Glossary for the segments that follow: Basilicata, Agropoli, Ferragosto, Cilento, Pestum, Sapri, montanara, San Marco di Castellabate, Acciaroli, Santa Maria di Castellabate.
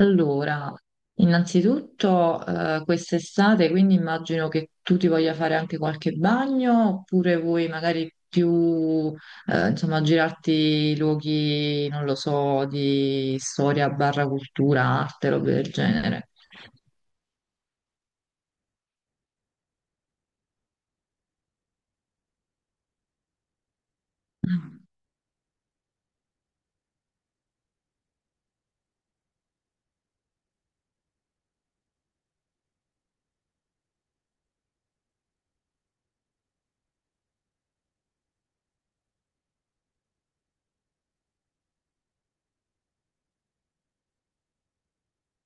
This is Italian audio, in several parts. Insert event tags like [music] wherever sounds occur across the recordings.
Allora, innanzitutto quest'estate, quindi immagino che tu ti voglia fare anche qualche bagno, oppure vuoi magari più, insomma, girarti luoghi, non lo so, di storia barra cultura, arte, robe del genere.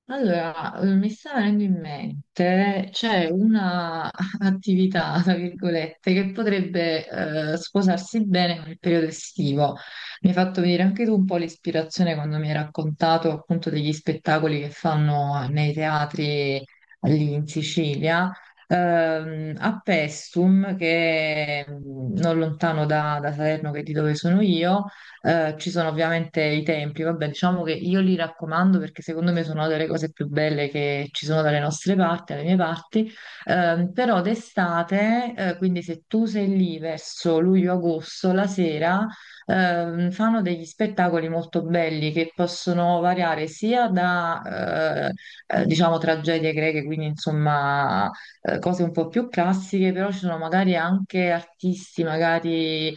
Allora, mi sta venendo in mente, c'è una [laughs] attività, tra virgolette, che potrebbe sposarsi bene con il periodo estivo. Mi hai fatto venire anche tu un po' l'ispirazione quando mi hai raccontato appunto degli spettacoli che fanno nei teatri lì in Sicilia, a Pestum, che è non lontano da Salerno, che è di dove sono io. Ci sono ovviamente i templi, vabbè, diciamo che io li raccomando perché secondo me sono delle cose più belle che ci sono dalle nostre parti, dalle mie parti. Però d'estate, quindi se tu sei lì verso luglio-agosto, la sera, fanno degli spettacoli molto belli che possono variare sia da, diciamo, tragedie greche, quindi insomma, cose un po' più classiche, però ci sono magari anche artisti, magari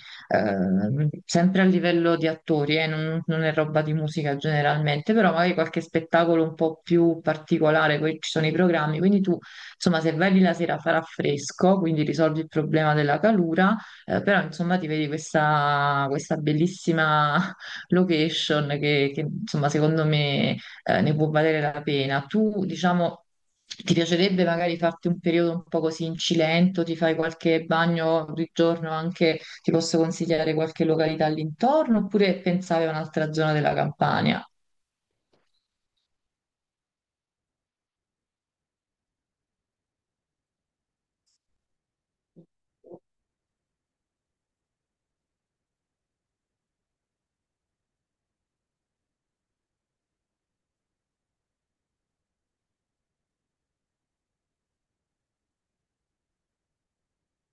sempre a livello di attori, non è roba di musica generalmente, però magari qualche spettacolo un po' più particolare, poi ci sono i programmi, quindi tu, insomma, se vai lì la sera farà fresco, quindi risolvi il problema della calura, però insomma ti vedi questa bellissima [laughs] location che, insomma, secondo me, ne può valere la pena. Tu, diciamo... Ti piacerebbe magari farti un periodo un po' così in Cilento, ti fai qualche bagno di giorno anche? Ti posso consigliare qualche località all'intorno, oppure pensavi a un'altra zona della Campania?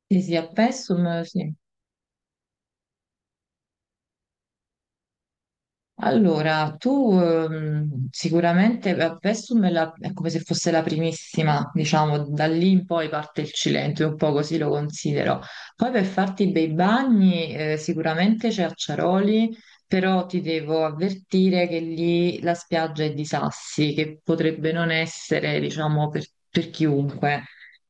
Sì, sì, a Pessum, sì. Allora, tu sicuramente beh, Pessum è, è come se fosse la primissima, diciamo. Da lì in poi parte il Cilento, io un po' così lo considero. Poi per farti i bei bagni sicuramente c'è Acciaroli, però ti devo avvertire che lì la spiaggia è di sassi, che potrebbe non essere, diciamo, per chiunque,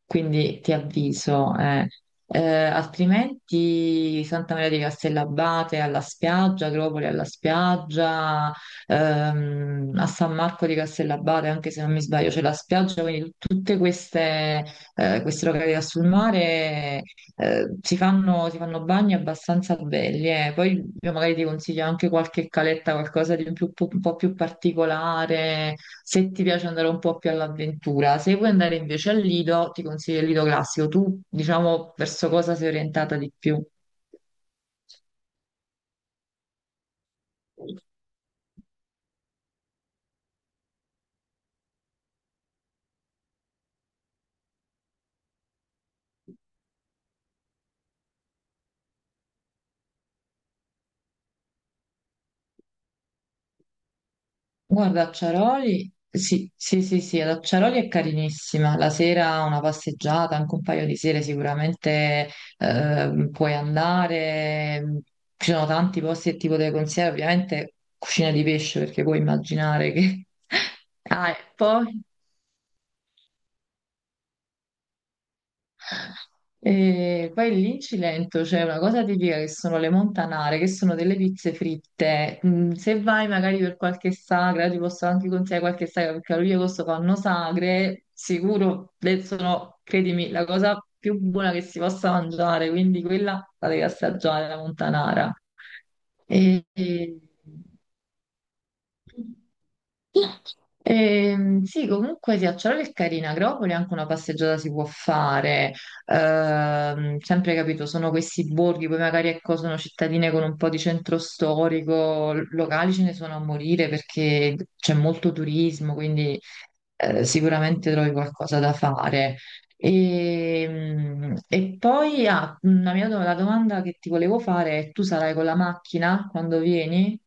quindi ti avviso. Eh, altrimenti Santa Maria di Castellabate alla spiaggia, Agropoli alla spiaggia, a San Marco di Castellabate, anche se non mi sbaglio, c'è la spiaggia, quindi tutte queste, queste località sul mare si fanno bagni abbastanza belli, eh. Poi io magari ti consiglio anche qualche caletta, qualcosa di un po' più particolare, se ti piace andare un po' più all'avventura. Se vuoi andare invece al Lido, ti consiglio il Lido classico. Tu, diciamo, verso cosa sei orientata di più? Guarda, Acciaroli, sì, sì, sì, sì, ad Acciaroli è carinissima. La sera una passeggiata, anche un paio di sere sicuramente puoi andare. Ci sono tanti posti che ti potrei consigliare, ovviamente cucina di pesce, perché puoi immaginare che... [laughs] Ah, e poi? E poi lì in Cilento c'è una cosa tipica che sono le montanare, che sono delle pizze fritte. Mm. Se vai magari per qualche sagra, ti posso anche consigliare qualche sagra, perché a luglio e agosto fanno sagre, sicuro le sono, credimi, la cosa più buona che si possa mangiare, quindi quella la devi assaggiare, la montanara. E, e- sì, comunque sì, a Ciaroli è carina, Agropoli anche una passeggiata si può fare. Sempre capito, sono questi borghi, poi magari ecco, sono cittadine con un po' di centro storico, locali ce ne sono a morire perché c'è molto turismo, quindi sicuramente trovi qualcosa da fare. E, e poi ah, una la domanda che ti volevo fare è: tu sarai con la macchina quando vieni?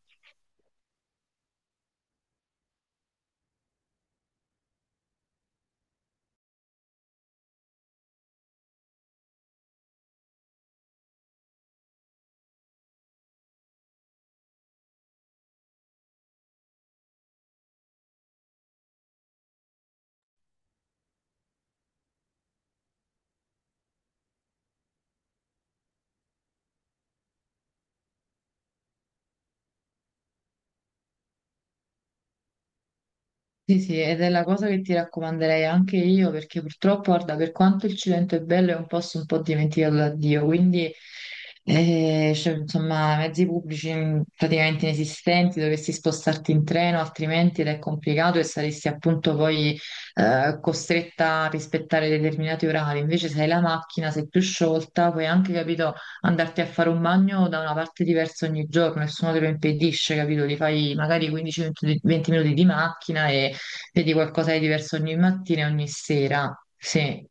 Sì, sì, ed è la cosa che ti raccomanderei anche io, perché purtroppo, guarda, per quanto il Cilento è bello, è un posto un po' dimenticato da Dio, quindi, cioè, insomma, mezzi pubblici praticamente inesistenti, dovresti spostarti in treno, altrimenti ed è complicato e saresti appunto poi costretta a rispettare determinati orari. Invece, se hai la macchina, sei più sciolta, puoi anche, capito, andarti a fare un bagno da una parte diversa ogni giorno, nessuno te lo impedisce, capito? Ti fai magari 15-20 minuti di macchina e vedi qualcosa di diverso ogni mattina e ogni sera. Sì.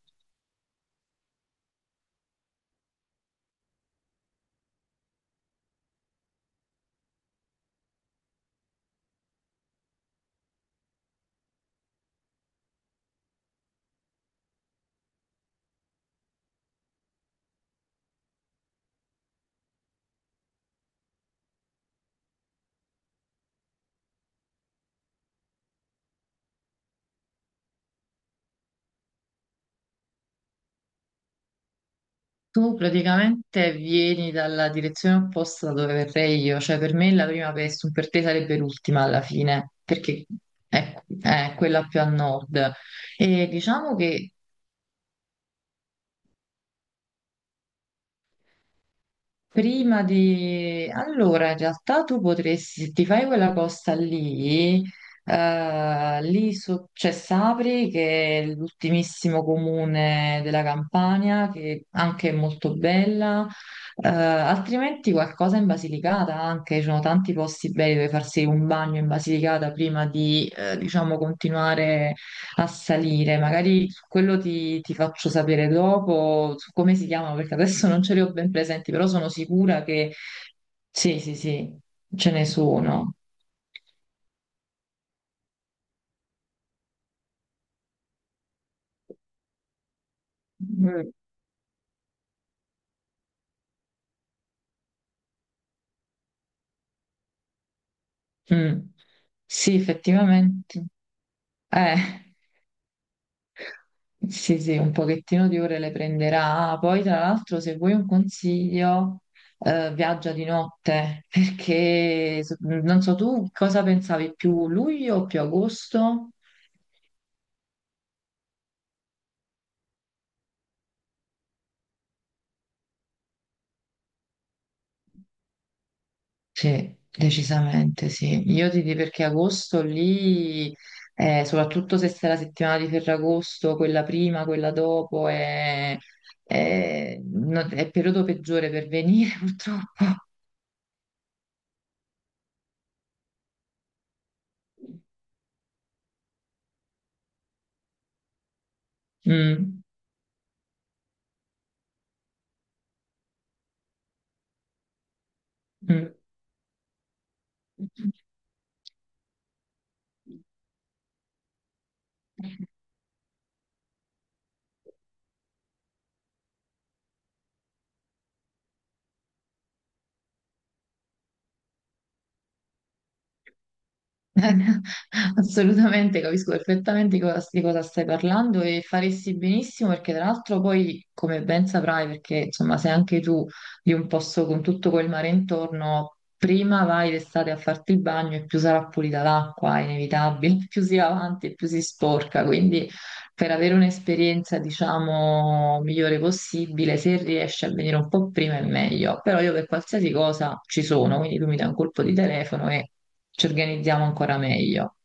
Tu praticamente vieni dalla direzione opposta da dove verrei io, cioè per me la prima Pestum per te sarebbe l'ultima alla fine, perché è, è quella più a nord. E diciamo che prima di... Allora, in realtà tu potresti, se ti fai quella costa lì, lì c'è Sapri, che è l'ultimissimo comune della Campania, che anche è molto bella, altrimenti qualcosa in Basilicata anche, ci sono tanti posti belli dove farsi un bagno in Basilicata prima di, diciamo, continuare a salire. Magari su quello ti faccio sapere dopo su come si chiamano, perché adesso non ce li ho ben presenti, però sono sicura che sì, sì, sì, ce ne sono. Mm. Mm. Sì, effettivamente. Eh, sì, sì, un pochettino di ore le prenderà. Ah, poi, tra l'altro, se vuoi un consiglio, viaggia di notte, perché non so tu cosa pensavi, più luglio o più agosto? Sì, decisamente sì. Io ti dico perché agosto lì, soprattutto se sei la settimana di Ferragosto, quella prima, quella dopo, è il periodo peggiore per venire [laughs] purtroppo. Mm, mm. [laughs] Assolutamente, capisco perfettamente di cosa stai parlando, e faresti benissimo perché tra l'altro poi, come ben saprai, perché insomma sei anche tu di un posto con tutto quel mare intorno, prima vai d'estate a farti il bagno e più sarà pulita l'acqua, è inevitabile, [laughs] più si va avanti e più si sporca, quindi per avere un'esperienza, diciamo, migliore possibile, se riesci a venire un po' prima è meglio. Però io per qualsiasi cosa ci sono, quindi tu mi dai un colpo di telefono e ci organizziamo ancora meglio.